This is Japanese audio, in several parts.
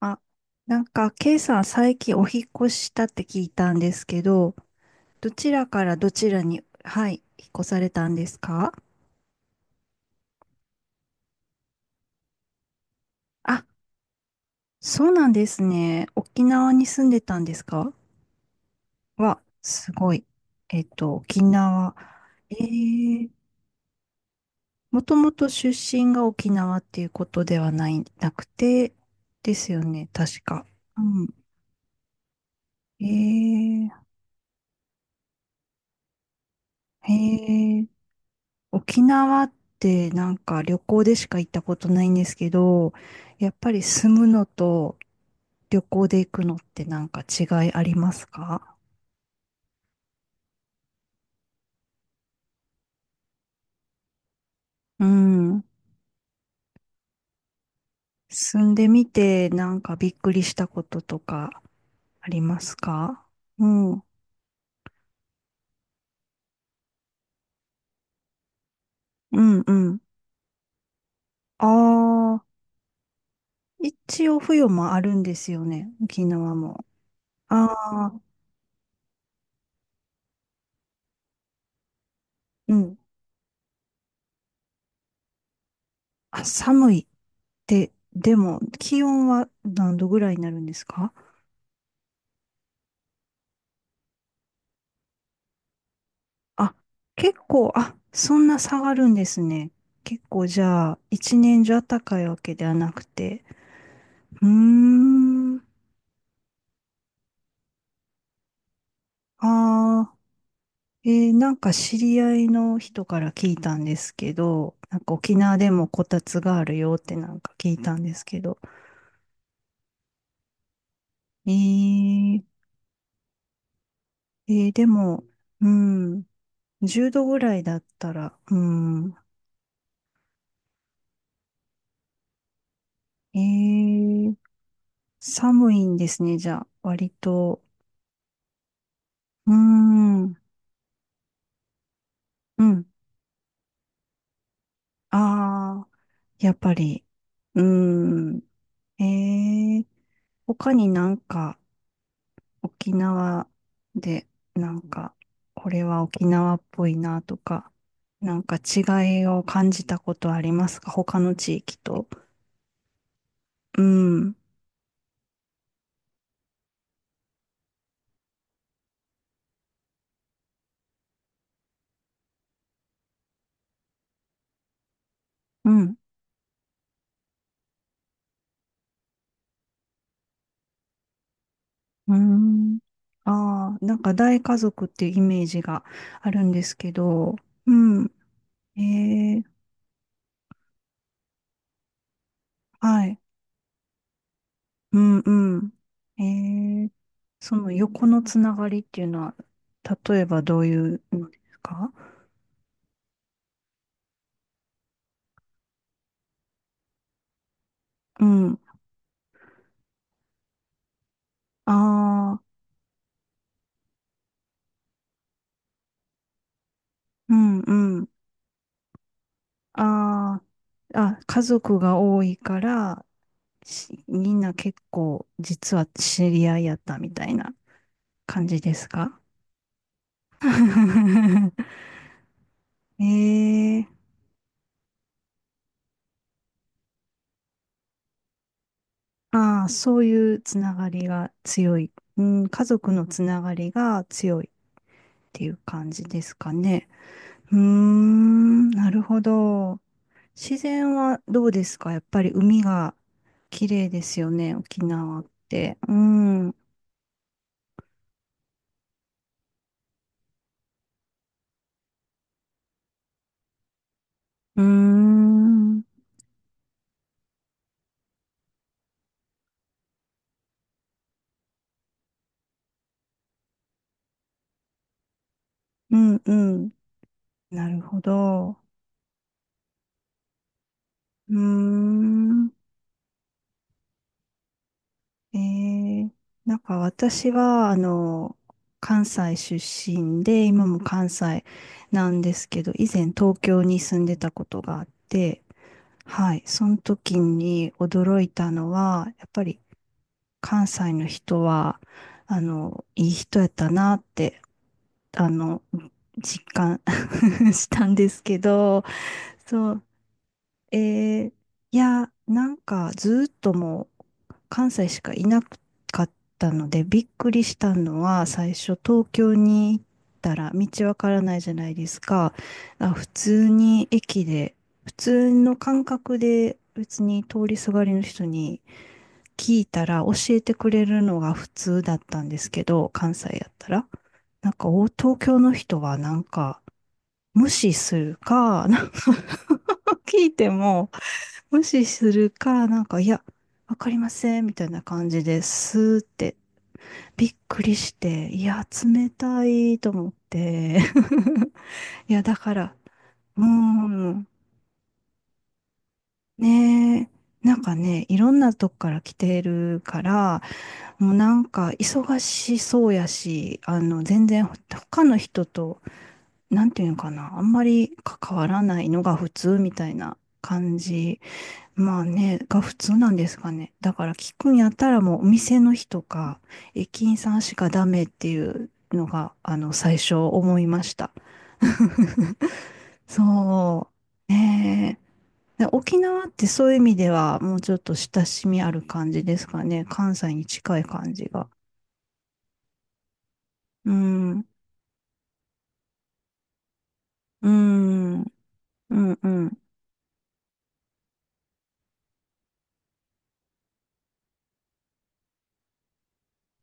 あ、なんか、ケイさん最近お引っ越ししたって聞いたんですけど、どちらからどちらに、はい、引っ越されたんですか？あ、そうなんですね。沖縄に住んでたんですか？わ、すごい。沖縄。えー、もともと出身が沖縄っていうことではない、なくて、ですよね、確か。うん。えー、えー沖縄ってなんか旅行でしか行ったことないんですけど、やっぱり住むのと旅行で行くのってなんか違いありますか？うん。住んでみてなんかびっくりしたこととかありますか？うん。うんうん。ああ、一応冬もあるんですよね。沖縄も。ああ、うん。あ、寒いって、でも気温は何度ぐらいになるんですか？あ、結構、あ、そんな下がるんですね。結構じゃあ、一年中暖かいわけではなくて。うーん。ああ、なんか知り合いの人から聞いたんですけど、なんか沖縄でもこたつがあるよってなんか聞いたんですけど。えー、でも、うん、10度ぐらいだったら、うん、えー、寒いんですね、じゃあ、割と。うーん、うん。あやっぱり。うーん。えー、他になんか沖縄でなんかこれは沖縄っぽいなとか、なんか違いを感じたことありますか、他の地域と？うん。うん。うん。ああ、なんか大家族っていうイメージがあるんですけど、うん。えー、はい。うんうん。えーその横のつながりっていうのは、例えばどういうのですか？うん。ああ、うんうん。ああ、あ、家族が多いから、しみんな結構実は知り合いやったみたいな感じですか？ ええああ、そういうつながりが強い。うん、家族のつながりが強いっていう感じですかね。うーん、なるほど。自然はどうですか？やっぱり海が綺麗ですよね、沖縄って。うん。うーん。うんうん。なるほど。うーん。えー、なんか私は、関西出身で、今も関西なんですけど、以前東京に住んでたことがあって、はい、その時に驚いたのは、やっぱり関西の人は、いい人やったなって、あの、実感 したんですけど、そう、えーいや、なんかずーっともう関西しかいなかったので、びっくりしたのは、最初東京に行ったら道わからないじゃないですか。あ、普通に駅で、普通の感覚で別に通りすがりの人に聞いたら教えてくれるのが普通だったんですけど、関西やったら。なんか、お東京の人はなんか、無視するか、なんか聞いても、無視するか、なんか、いや、わかりません、みたいな感じですって、びっくりして、いや、冷たいと思って。いや、だから、うーん、ねえ、なんかね、いろんなとこから来てるから、もうなんか忙しそうやし、全然他の人と、なんていうのかな、あんまり関わらないのが普通みたいな感じ。まあね、が普通なんですかね。だから聞くんやったらもうお店の人か、駅員さんしかダメっていうのが、最初思いました。そう。ねえで沖縄ってそういう意味ではもうちょっと親しみある感じですかね。関西に近い感じが。うん、うん、うん、うん、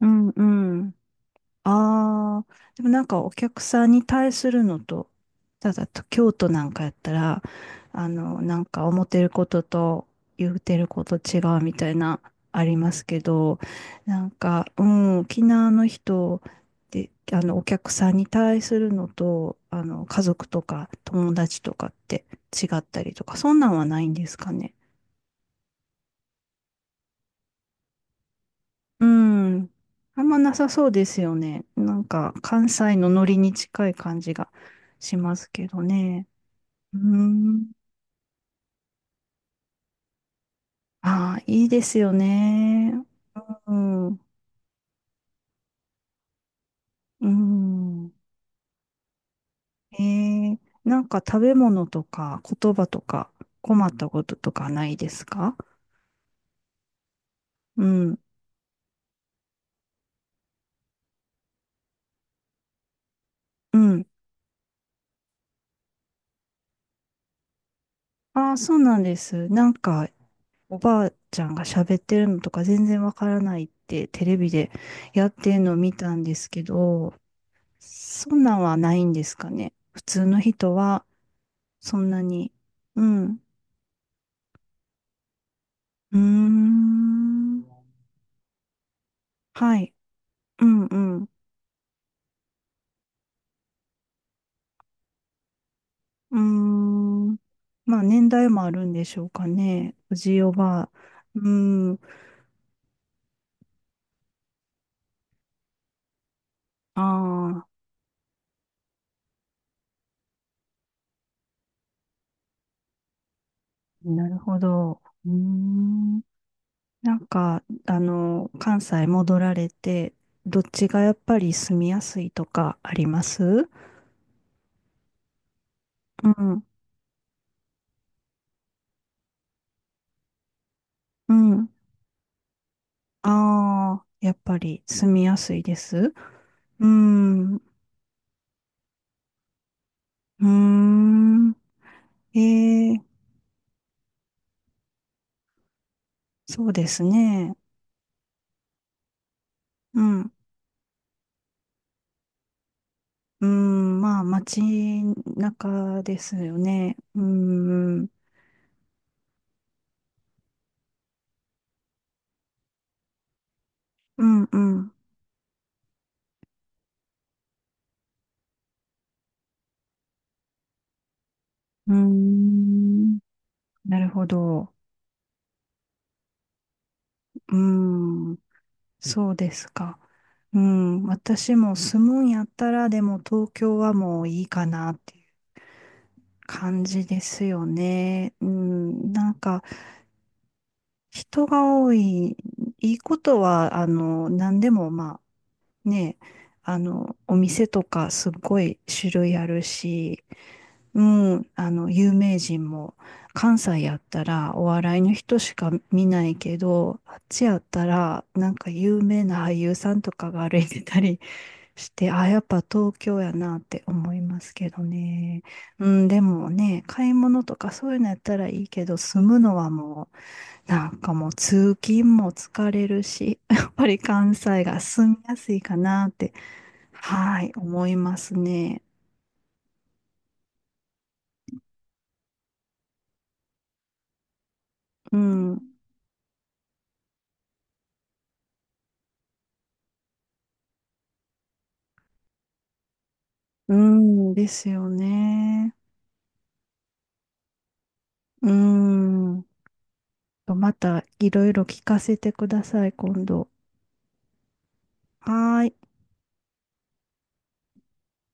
うん、うん。ああ、でもなんかお客さんに対するのと、ただと京都なんかやったら、なんか思ってることと言うてること違うみたいな、ありますけど、なんか、うん、沖縄の人で、お客さんに対するのと、家族とか友達とかって違ったりとか、そんなんはないんですかね。うん。あんまなさそうですよね。なんか、関西のノリに近い感じがしますけどね。うん。ああ、いいですよね。うん。うん。なんか食べ物とか言葉とか困ったこととかないですか？うん。うん。ああ、そうなんです。なんか、おばあちゃんが喋ってるのとか全然わからないってテレビでやってるのを見たんですけど、そんなんはないんですかね。普通の人は、そんなに。うん。うーん。はい。うんうん。うーん。まあ、年代もあるんでしょうかね。おじいおばあ。うーん。ああ、なるほど。うーん。なんか、関西戻られて、どっちがやっぱり住みやすいとかあります？うん。うん。ああ、やっぱり住みやすいです。うーん、うーん。ええ、そうですね。うん、うーん、まあ、街中ですよね。うん、うん、うん、うん、うーんなるほど。うーん、そうですか。うん、私も住むんやったら、でも東京はもういいかなっていう感じですよね。うん、なんか、人が多い、いいことは、何でも、まあ、ね、お店とかすっごい種類あるし、うん、有名人も、関西やったらお笑いの人しか見ないけど、あっちやったら、なんか有名な俳優さんとかが歩いてたり して、あ、やっぱ東京やなって思いますけどね。うん、でもね、買い物とかそういうのやったらいいけど、住むのはもう、なんかもう通勤も疲れるし、やっぱり関西が住みやすいかなって、はい、思いますね。うん。うん、ですよね。うん。またいろいろ聞かせてください、今度。はーい。